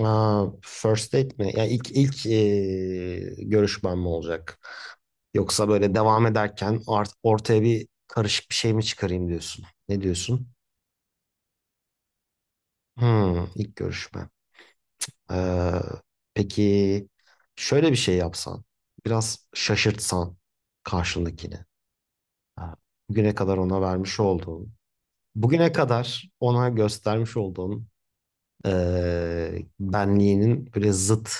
Aa, first date mi? Yani görüşmem mi olacak? Yoksa böyle devam ederken ortaya bir karışık bir şey mi çıkarayım diyorsun? Ne diyorsun? Hmm, ilk görüşme. Ee, peki şöyle bir şey yapsan, biraz şaşırtsan karşındakini. Ha, Bugüne kadar ona vermiş olduğun, bugüne kadar ona göstermiş olduğun benliğinin böyle zıt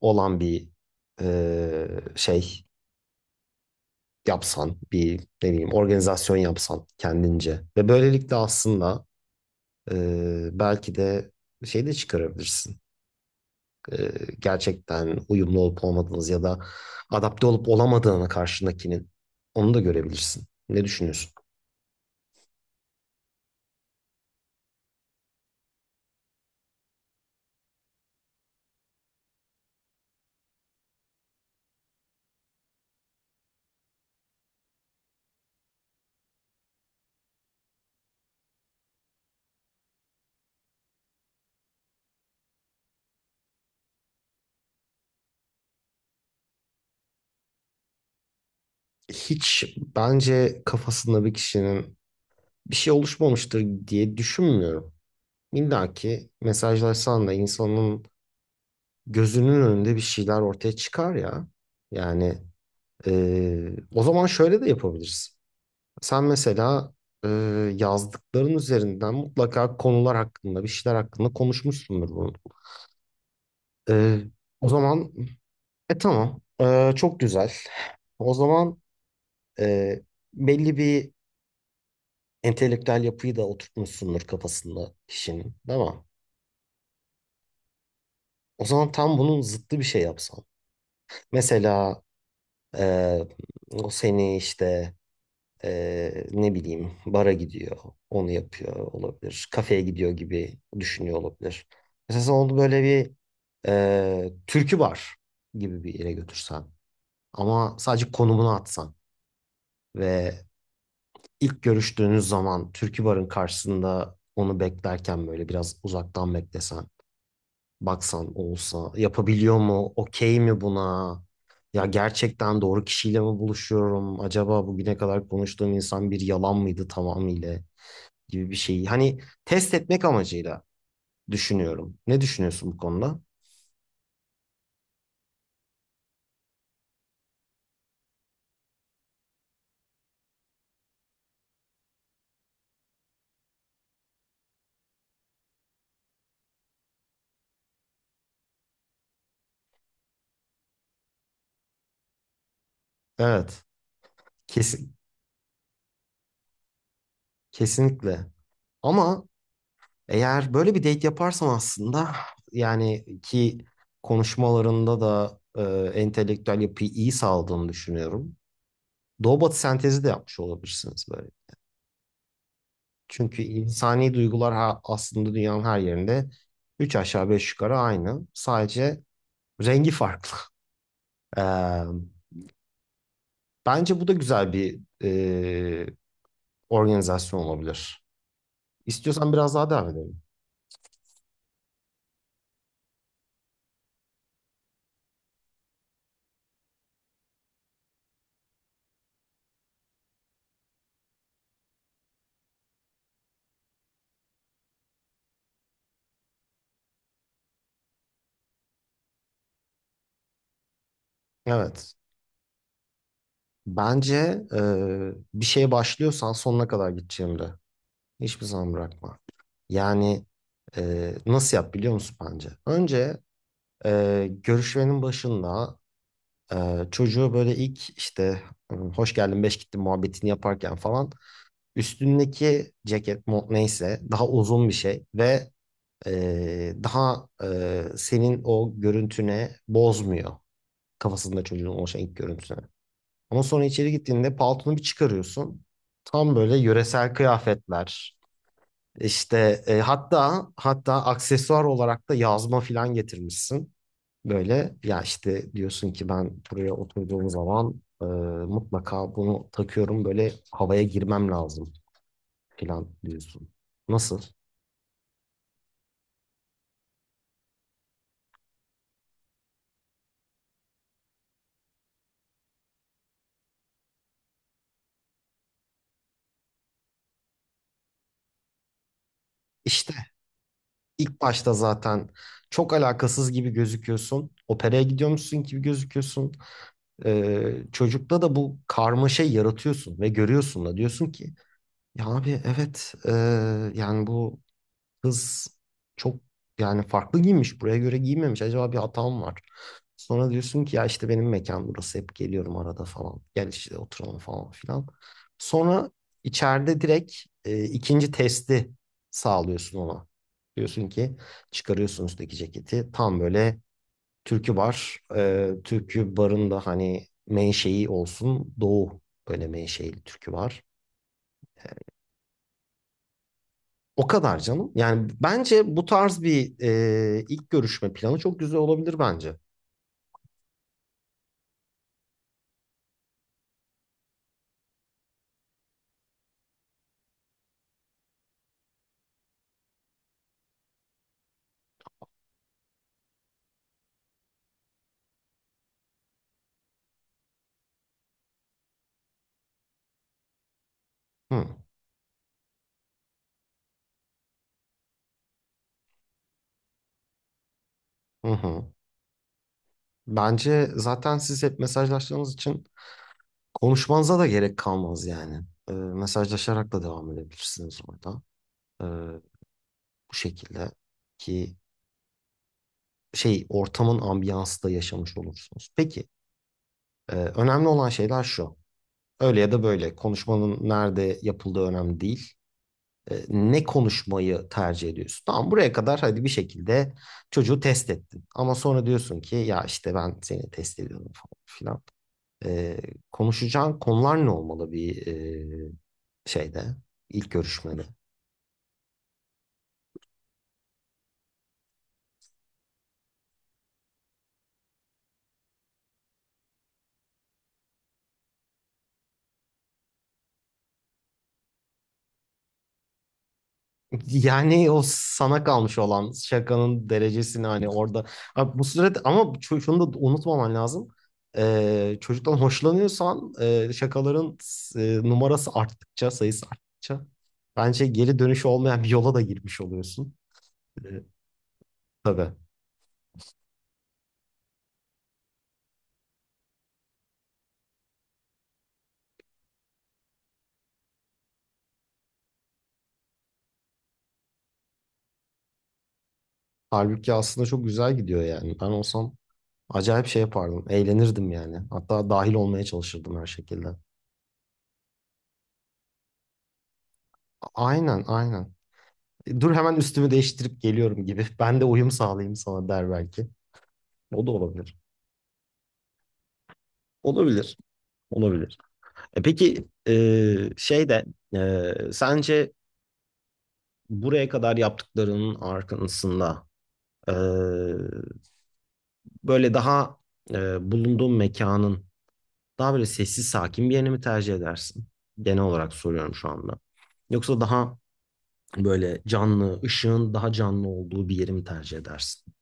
olan bir şey yapsan, bir ne bileyim organizasyon yapsan kendince ve böylelikle aslında belki de şey de çıkarabilirsin. E, Gerçekten uyumlu olup olmadığınız ya da adapte olup olamadığını karşındakinin onu da görebilirsin. Ne düşünüyorsun? Hiç bence kafasında bir kişinin bir şey oluşmamıştır diye düşünmüyorum. İlla ki mesajlaşsan da insanın gözünün önünde bir şeyler ortaya çıkar ya. Yani Ee, O zaman şöyle de yapabiliriz. Sen mesela e, yazdıkların üzerinden mutlaka konular hakkında, bir şeyler hakkında konuşmuşsundur bunu. Ee, O zaman tamam. Çok güzel. O zaman e, belli bir entelektüel yapıyı da oturtmuşsundur kafasında kişinin, değil mi? O zaman tam bunun zıttı bir şey yapsan. Mesela e, o seni işte ne bileyim bara gidiyor, onu yapıyor olabilir. Kafeye gidiyor gibi düşünüyor olabilir. Mesela onu böyle bir türkü bar gibi bir yere götürsen ama sadece konumunu atsan ve ilk görüştüğünüz zaman türkü barın karşısında onu beklerken böyle biraz uzaktan beklesen, baksan olsa yapabiliyor mu, okey mi buna? Ya gerçekten doğru kişiyle mi buluşuyorum? Acaba bugüne kadar konuştuğum insan bir yalan mıydı tamamıyla gibi bir şeyi hani test etmek amacıyla düşünüyorum. Ne düşünüyorsun bu konuda? Evet, kesin kesinlikle. Ama eğer böyle bir date yaparsam aslında yani ki konuşmalarında da entelektüel yapıyı iyi sağladığını düşünüyorum. Doğu batı sentezi de yapmış olabilirsiniz böyle. Çünkü insani duygular aslında dünyanın her yerinde üç aşağı beş yukarı aynı. Sadece rengi farklı. Eee Bence bu da güzel bir organizasyon olabilir. İstiyorsan biraz daha devam edelim. Evet. Bence e, bir şeye başlıyorsan sonuna kadar gideceğimde. Hiçbir zaman bırakma. Yani nasıl yap biliyor musun bence? Önce görüşmenin başında çocuğu böyle ilk işte hoş geldin beş gittin muhabbetini yaparken falan üstündeki ceket mont neyse daha uzun bir şey ve senin o görüntüne bozmuyor. Kafasında çocuğun oluşan ilk görüntüsü. Ama sonra içeri gittiğinde paltonu bir çıkarıyorsun. Tam böyle yöresel kıyafetler. İşte hatta hatta aksesuar olarak da yazma filan getirmişsin. Böyle ya işte diyorsun ki ben buraya oturduğum zaman mutlaka bunu takıyorum böyle havaya girmem lazım filan diyorsun. Nasıl? İşte. İlk başta zaten çok alakasız gibi gözüküyorsun. Operaya gidiyormuşsun gibi gözüküyorsun. Çocukta da bu karmaşayı yaratıyorsun ve görüyorsun da diyorsun ki ya abi evet yani bu kız çok yani farklı giymiş. Buraya göre giymemiş. Acaba bir hatam var. Sonra diyorsun ki ya işte benim mekan burası. Hep geliyorum arada falan. Gel işte oturalım falan filan. Sonra içeride direkt ikinci testi sağlıyorsun ona. Diyorsun ki çıkarıyorsun üstteki ceketi. Tam böyle türkü bar. Türkü barın da hani menşei olsun. Doğu böyle menşeili türkü var. O kadar canım. Yani bence bu tarz bir ilk görüşme planı çok güzel olabilir bence. Hı, hı hı. Bence zaten siz hep mesajlaştığınız için konuşmanıza da gerek kalmaz yani. Mesajlaşarak da devam edebilirsiniz orada. E, Bu şekilde ki şey ortamın ambiyansı da yaşamış olursunuz. Peki önemli olan şeyler şu. Öyle ya da böyle konuşmanın nerede yapıldığı önemli değil. Ne konuşmayı tercih ediyorsun? Tamam buraya kadar hadi bir şekilde çocuğu test ettin. Ama sonra diyorsun ki ya işte ben seni test ediyorum falan filan. E, Konuşacağın konular ne olmalı bir e, şeyde ilk görüşmede? Yani o sana kalmış olan şakanın derecesini hani orada. Abi bu sürede ama şunu da unutmaman lazım. Çocuktan hoşlanıyorsan şakaların numarası arttıkça, sayısı arttıkça bence geri dönüşü olmayan bir yola da girmiş oluyorsun. Ee, tabii. Halbuki aslında çok güzel gidiyor yani. Ben olsam acayip şey yapardım. Eğlenirdim yani. Hatta dahil olmaya çalışırdım her şekilde. Aynen, aynen. Dur hemen üstümü değiştirip geliyorum gibi. Ben de uyum sağlayayım sana der belki. O da olabilir. Olabilir. Olabilir. Peki sence buraya kadar yaptıklarının arkasında e, böyle daha bulunduğun mekanın daha böyle sessiz sakin bir yerini mi tercih edersin? Genel olarak soruyorum şu anda. Yoksa daha böyle canlı, ışığın daha canlı olduğu bir yeri mi tercih edersin?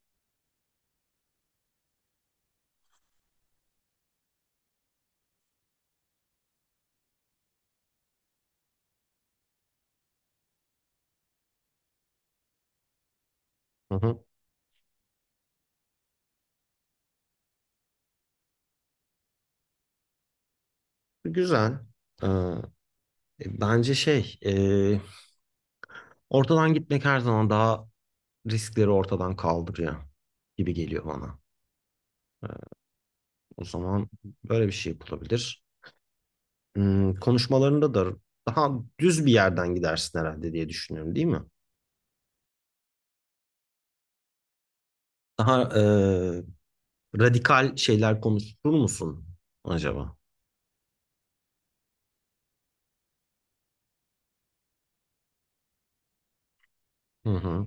Hı hı. Güzel. E, bence ortadan gitmek her zaman daha riskleri ortadan kaldırıyor gibi geliyor bana. O zaman böyle bir şey yapılabilir. Hmm, konuşmalarında da daha düz bir yerden gidersin herhalde diye düşünüyorum, değil mi? Daha radikal şeyler konuşur musun acaba? Hı hı.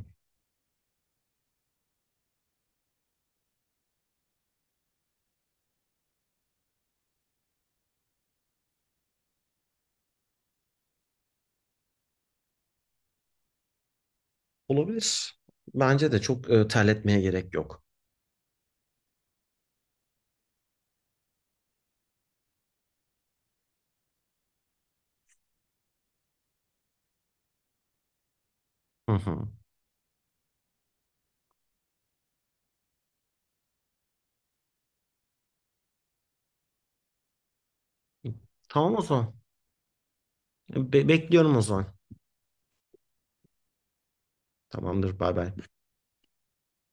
Olabilir. Bence de çok terletmeye gerek yok. Hı hı. Tamam o zaman. Bekliyorum o zaman. Tamamdır, bay bay.